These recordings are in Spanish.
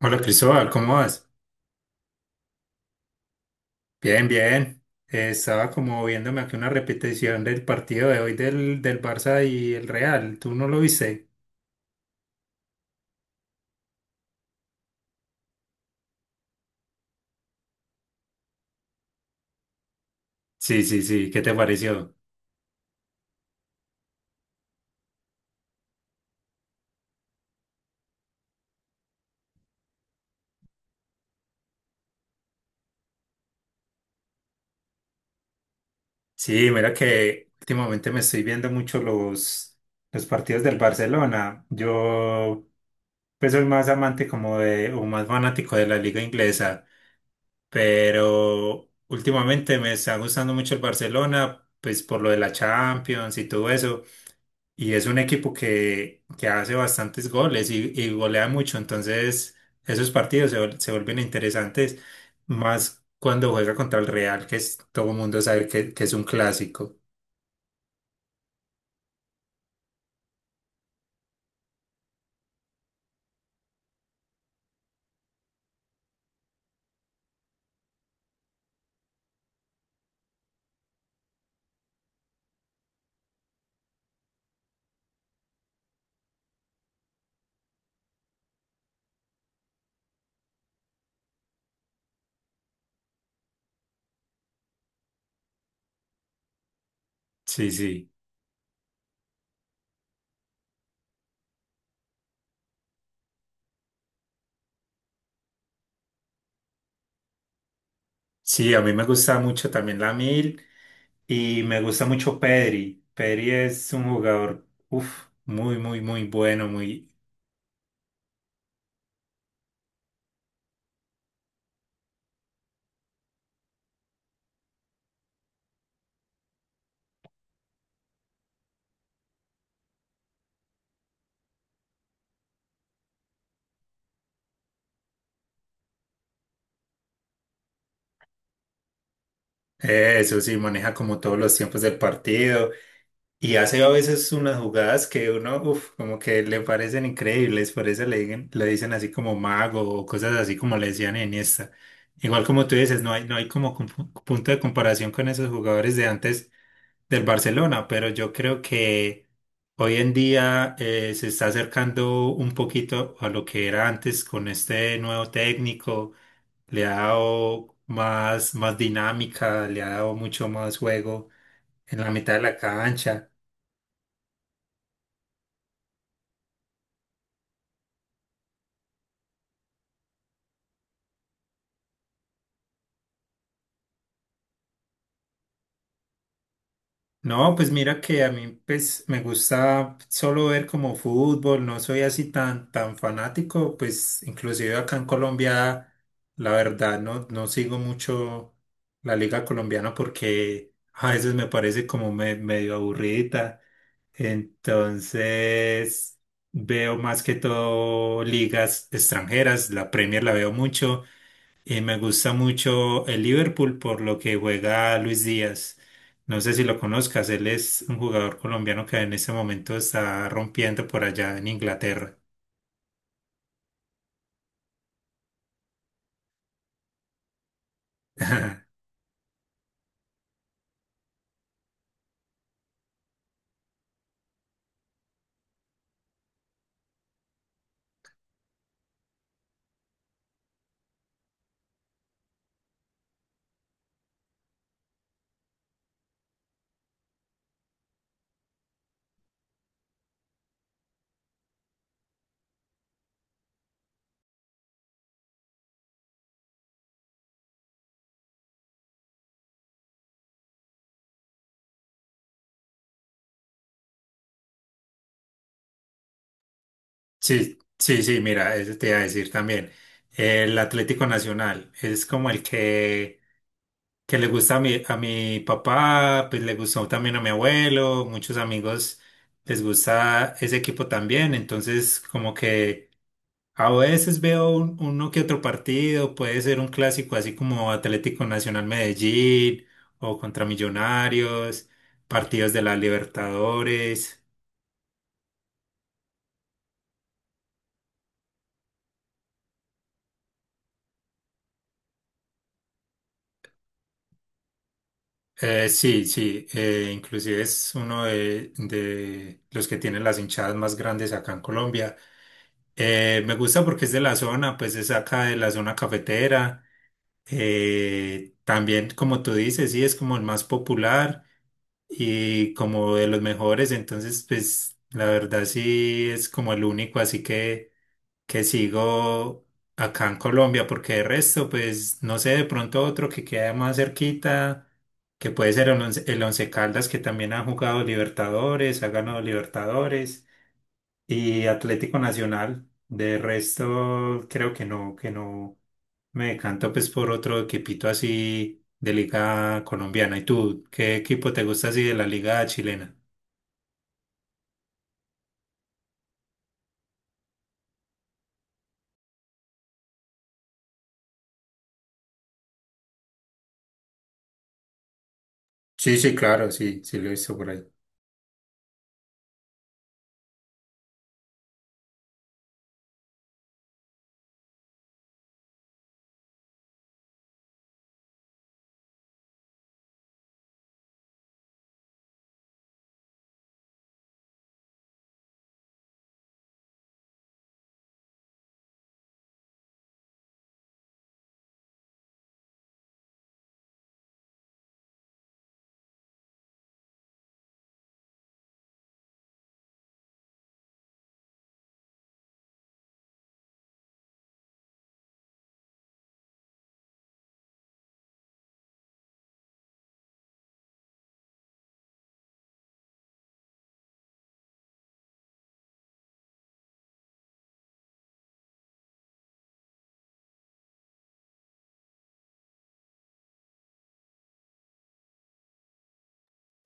Hola Cristóbal, ¿cómo vas? Bien, bien. Estaba como viéndome aquí una repetición del partido de hoy del Barça y el Real. ¿Tú no lo viste? Sí, sí, sí. ¿Qué te pareció? Sí, mira que últimamente me estoy viendo mucho los partidos del Barcelona. Yo pues soy más amante como de, o más fanático de la liga inglesa, pero últimamente me está gustando mucho el Barcelona, pues por lo de la Champions y todo eso. Y es un equipo que hace bastantes goles y golea mucho, entonces esos partidos se vuelven interesantes, más cuando juega contra el Real, que es, todo el mundo sabe que es un clásico. Sí, sí. Sí, a mí me gusta mucho también la Mil y me gusta mucho Pedri. Pedri es un jugador, uf, muy bueno, muy... Eso sí, maneja como todos los tiempos del partido. Y hace a veces unas jugadas que uno, uff, como que le parecen increíbles, por eso le dicen así como mago o cosas así como le decían en esta. Igual como tú dices, no hay como punto de comparación con esos jugadores de antes del Barcelona, pero yo creo que hoy en día se está acercando un poquito a lo que era antes con este nuevo técnico, le ha dado más dinámica, le ha dado mucho más juego en la mitad de la cancha. No, pues mira que a mí pues me gusta solo ver como fútbol, no soy así tan fanático, pues inclusive acá en Colombia la verdad no sigo mucho la liga colombiana porque a veces me parece como medio aburrida. Entonces veo más que todo ligas extranjeras, la Premier la veo mucho y me gusta mucho el Liverpool por lo que juega Luis Díaz. No sé si lo conozcas, él es un jugador colombiano que en este momento está rompiendo por allá en Inglaterra. Sí, sí, sí, mira, eso te iba a decir también. El Atlético Nacional es como el que le gusta a a mi papá, pues le gustó también a mi abuelo, muchos amigos les gusta ese equipo también, entonces como que a veces veo uno que otro partido, puede ser un clásico así como Atlético Nacional Medellín o contra Millonarios, partidos de la Libertadores. Sí, sí, inclusive es uno de los que tienen las hinchadas más grandes acá en Colombia. Me gusta porque es de la zona, pues es acá de la zona cafetera. También, como tú dices, sí, es como el más popular y como de los mejores, entonces pues la verdad sí es como el único así que sigo acá en Colombia, porque de resto pues no sé, de pronto otro que queda más cerquita, que puede ser el Once Caldas, que también ha jugado Libertadores, ha ganado Libertadores y Atlético Nacional. De resto creo que que no me decanto pues por otro equipito así de liga colombiana. ¿Y tú, qué equipo te gusta así de la liga chilena? Sí, sí, claro, sí, sí lo he visto por ahí.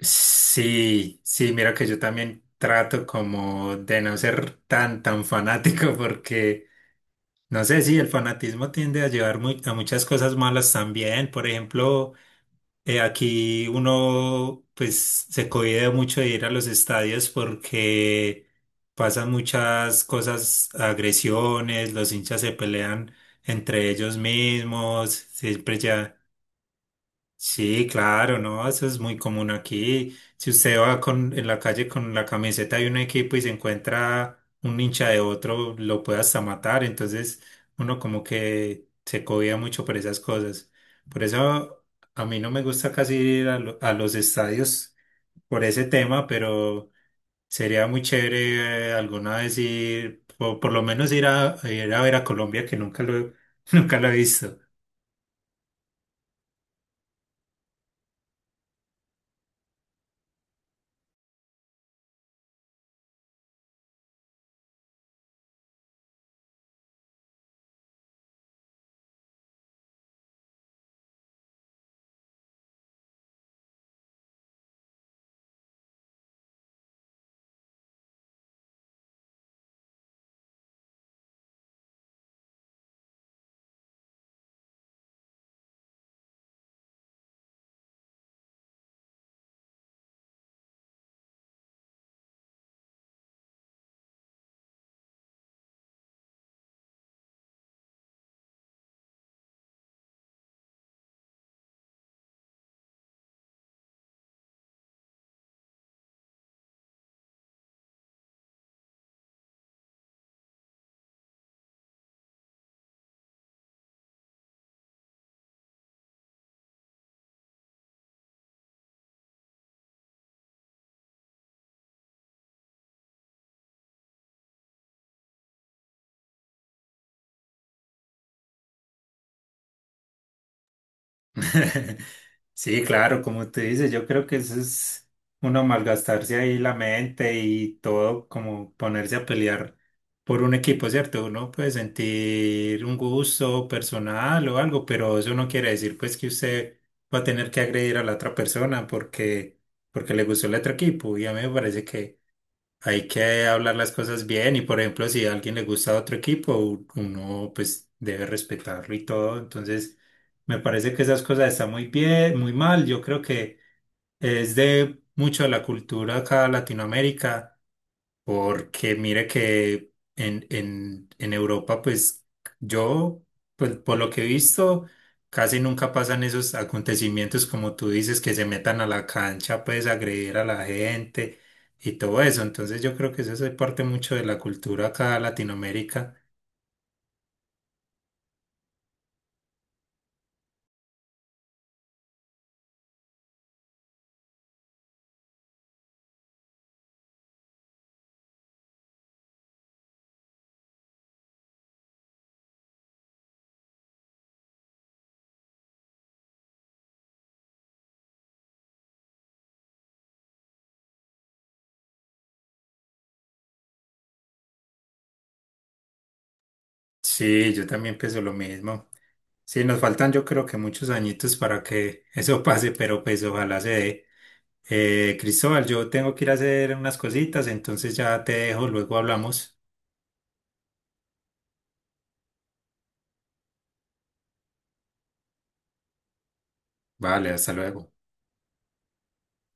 Sí, sí, mira que yo también trato como de no ser tan fanático porque, no sé, si el fanatismo tiende a llevar a muchas cosas malas también. Por ejemplo, aquí uno pues se cohíbe mucho de ir a los estadios porque pasan muchas cosas, agresiones, los hinchas se pelean entre ellos mismos, siempre. Sí, claro, no, eso es muy común aquí. Si usted va en la calle con la camiseta de un equipo y se encuentra un hincha de otro, lo puede hasta matar. Entonces, uno como que se cobía mucho por esas cosas. Por eso a mí no me gusta casi ir a a los estadios por ese tema, pero sería muy chévere alguna vez ir, o por lo menos ir a ver a Colombia, que nunca lo, nunca lo he visto. Sí, claro, como tú dices, yo creo que eso es uno malgastarse ahí la mente y todo, como ponerse a pelear por un equipo, ¿cierto? Uno puede sentir un gusto personal o algo, pero eso no quiere decir pues que usted va a tener que agredir a la otra persona porque le gustó el otro equipo. Y a mí me parece que hay que hablar las cosas bien y, por ejemplo, si a alguien le gusta otro equipo, uno pues debe respetarlo y todo. Entonces me parece que esas cosas están muy bien, muy mal. Yo creo que es de mucho de la cultura acá en Latinoamérica. Porque mire que en Europa, pues yo, pues por lo que he visto, casi nunca pasan esos acontecimientos como tú dices, que se metan a la cancha, pues agredir a la gente y todo eso. Entonces yo creo que eso es parte mucho de la cultura acá en Latinoamérica. Sí, yo también pienso lo mismo. Sí, nos faltan yo creo que muchos añitos para que eso pase, pero pues ojalá se dé. Cristóbal, yo tengo que ir a hacer unas cositas, entonces ya te dejo, luego hablamos. Vale, hasta luego.